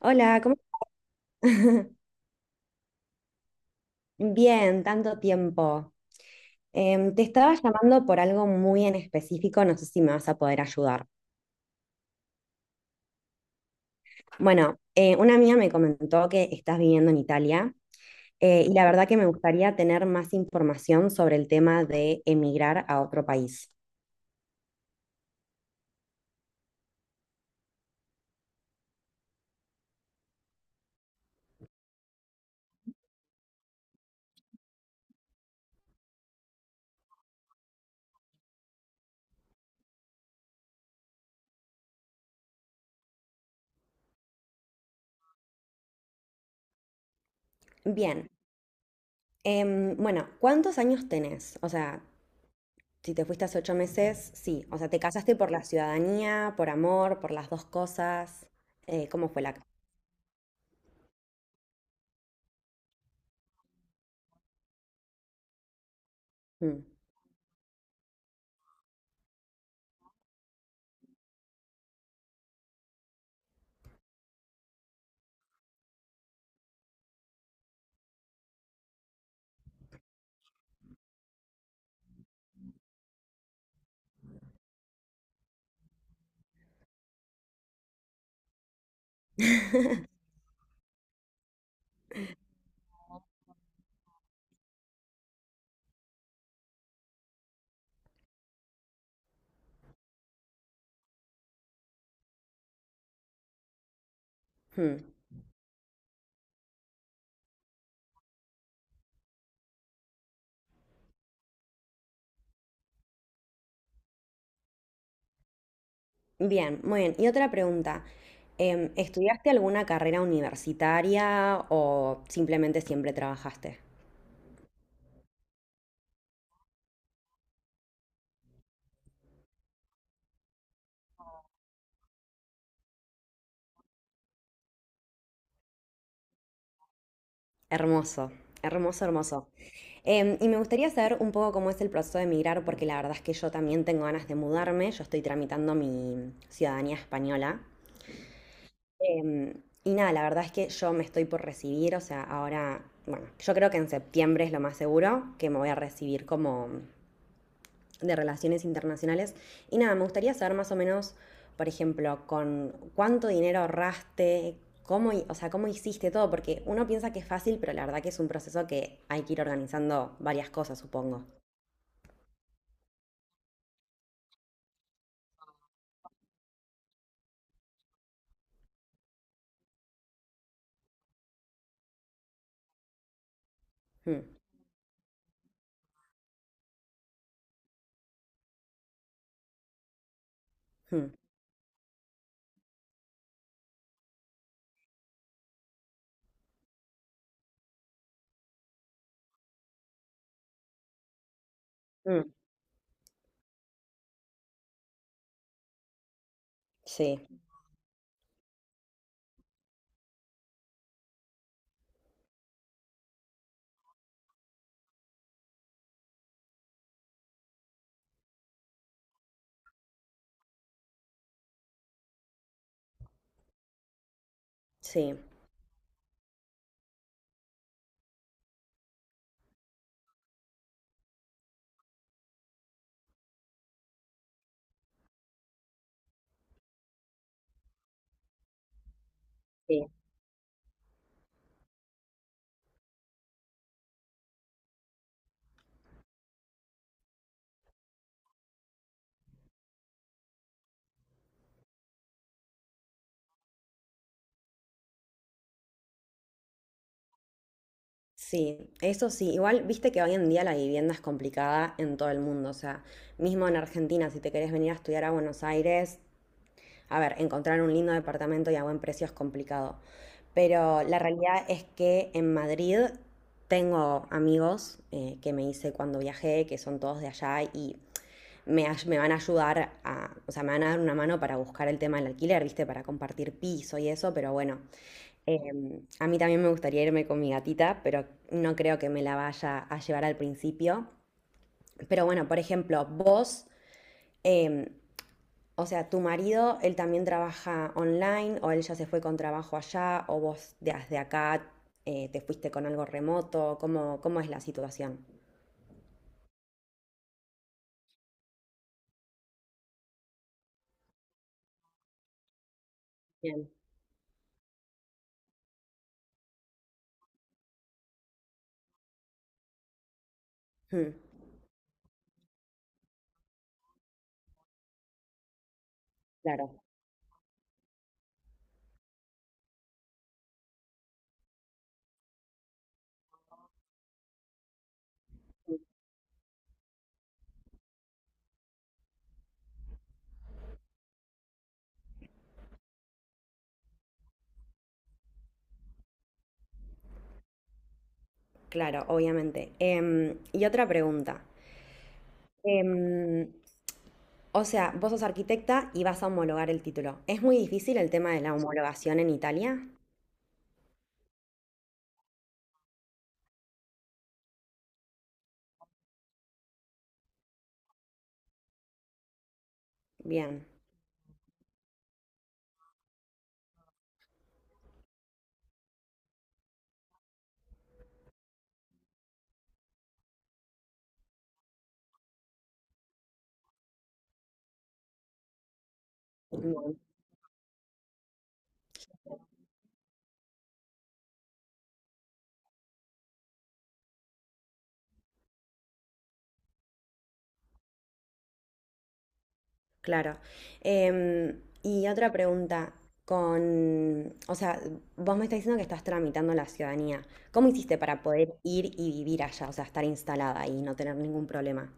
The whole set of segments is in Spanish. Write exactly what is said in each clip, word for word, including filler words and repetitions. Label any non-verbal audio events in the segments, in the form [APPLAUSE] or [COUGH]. Hola, ¿cómo? [LAUGHS] Bien, tanto tiempo. Em, te estaba llamando por algo muy en específico, no sé si me vas a poder ayudar. Bueno, eh, una amiga me comentó que estás viviendo en Italia, eh, y la verdad que me gustaría tener más información sobre el tema de emigrar a otro país. Bien, em, bueno, ¿cuántos años tenés? O sea, si te fuiste hace ocho meses, sí. O sea, ¿te casaste por la ciudadanía, por amor, por las dos cosas? Eh, ¿cómo fue la... Mm. [LAUGHS] Hmm. Bien, muy bien. Y otra pregunta. Em, ¿estudiaste alguna carrera universitaria o simplemente siempre trabajaste? Hermoso, hermoso, hermoso. Em, y me gustaría saber un poco cómo es el proceso de emigrar, porque la verdad es que yo también tengo ganas de mudarme. Yo estoy tramitando mi ciudadanía española. Em, y nada, la verdad es que yo me estoy por recibir, o sea, ahora, bueno, yo creo que en septiembre es lo más seguro que me voy a recibir como de relaciones internacionales. Y nada, me gustaría saber más o menos, por ejemplo, con cuánto dinero ahorraste, cómo, o sea, cómo hiciste todo, porque uno piensa que es fácil, pero la verdad que es un proceso que hay que ir organizando varias cosas, supongo. Mm, mm, mm. Sí, sí, sí. Sí, eso sí, igual viste que hoy en día la vivienda es complicada en todo el mundo, o sea, mismo en Argentina, si te querés venir a estudiar a Buenos Aires, a ver, encontrar un lindo departamento y a buen precio es complicado, pero la realidad es que en Madrid tengo amigos eh, que me hice cuando viajé, que son todos de allá y me, ay- me van a ayudar a, o sea, me van a dar una mano para buscar el tema del alquiler, ¿viste? Para compartir piso y eso, pero bueno, em, a mí también me gustaría irme con mi gatita, pero no creo que me la vaya a llevar al principio. Pero bueno, por ejemplo, vos... em, o sea, tu marido, él también trabaja online o él ya se fue con trabajo allá o vos desde acá eh, te fuiste con algo remoto. ¿Cómo, cómo es la situación? Bien. Mm, claro, claro, obviamente. Em, y otra pregunta. Em, o sea, vos sos arquitecta y vas a homologar el título. ¿Es muy difícil el tema de la homologación en Italia? Bien. Claro. Em, y otra pregunta, con, o sea, vos me estás diciendo que estás tramitando la ciudadanía. ¿Cómo hiciste para poder ir y vivir allá, o sea, estar instalada y no tener ningún problema?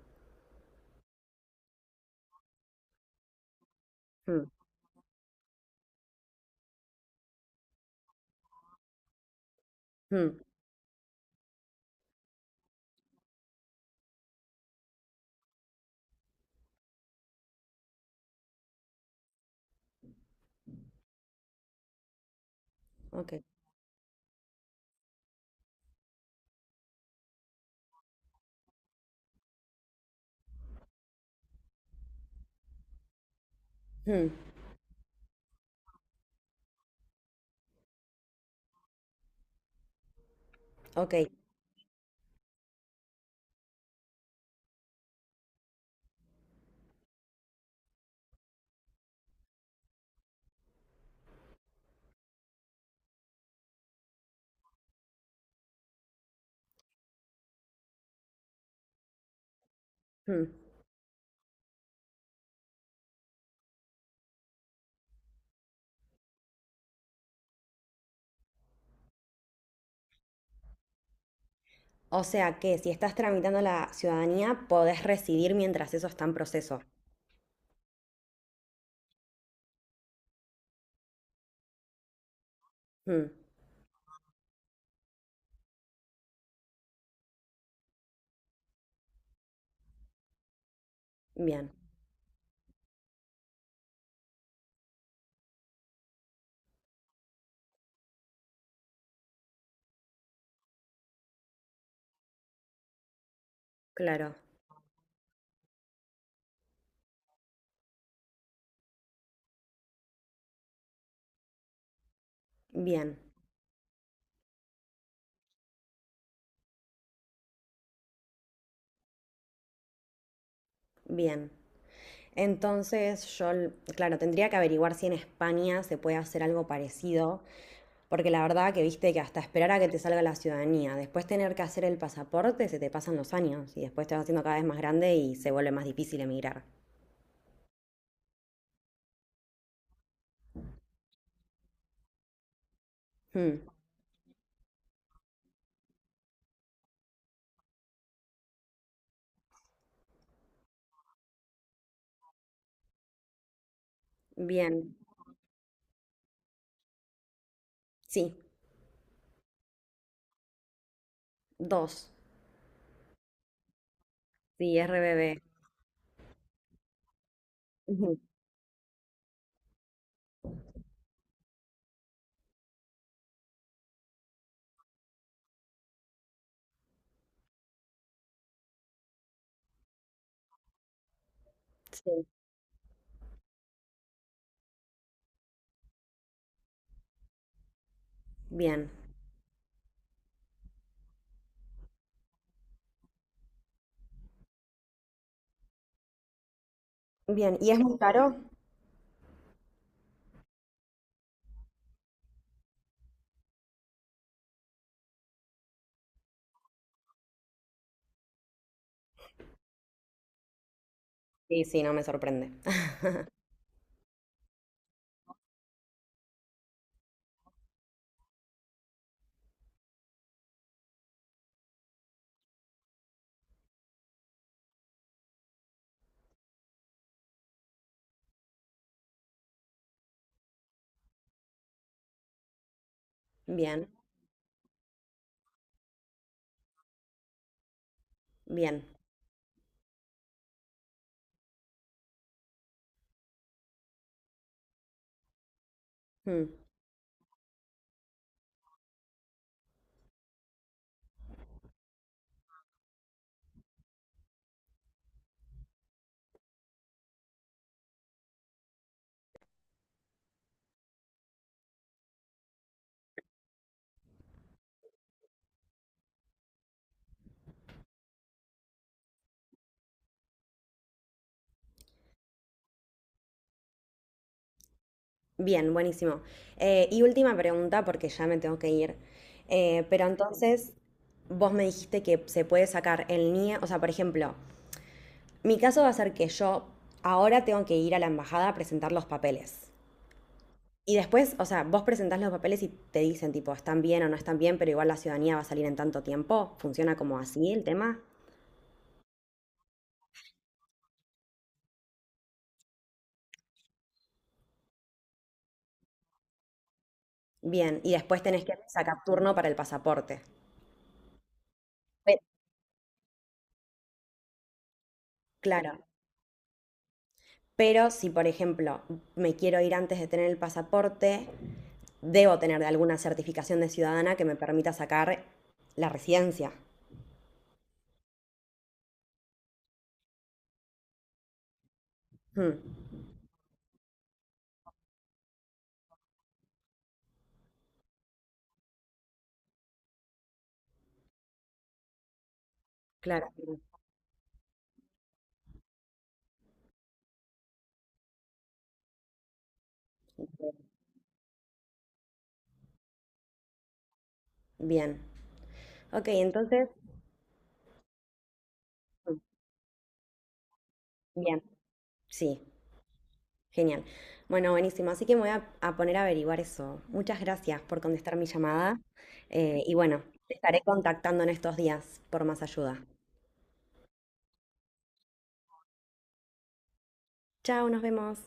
Mm, mm, ok, mm, ok, mm. O sea que si estás tramitando la ciudadanía, podés residir mientras eso está en proceso. Mm, bien, claro, bien, bien. Entonces yo, claro, tendría que averiguar si en España se puede hacer algo parecido, porque la verdad que viste que hasta esperar a que te salga la ciudadanía, después tener que hacer el pasaporte, se te pasan los años y después te vas haciendo cada vez más grande y se vuelve más difícil emigrar. Hmm, bien, sí, dos. Sí, R B B. Ujú, sí, bien. Bien, ¿y es muy caro? Sí, sí, no me sorprende. [LAUGHS] Bien, bien. Hmm. Bien, buenísimo. Eh, y última pregunta, porque ya me tengo que ir. Eh, pero entonces, vos me dijiste que se puede sacar el N I E. O sea, por ejemplo, mi caso va a ser que yo ahora tengo que ir a la embajada a presentar los papeles. Y después, o sea, vos presentás los papeles y te dicen, tipo, están bien o no están bien, pero igual la ciudadanía va a salir en tanto tiempo. ¿Funciona como así el tema? Bien. Y después tenés que sacar turno para el pasaporte. Pe- claro. Pero si, por ejemplo, me quiero ir antes de tener el pasaporte, debo tener de alguna certificación de ciudadana que me permita sacar la residencia. Mm, claro. Bien. Ok, entonces, mm, bien. Sí, genial. Bueno, buenísimo. Así que me voy a, a poner a averiguar eso. Muchas gracias por contestar mi llamada. eh, y bueno, te estaré contactando en estos días por más ayuda. Chao, nos vemos.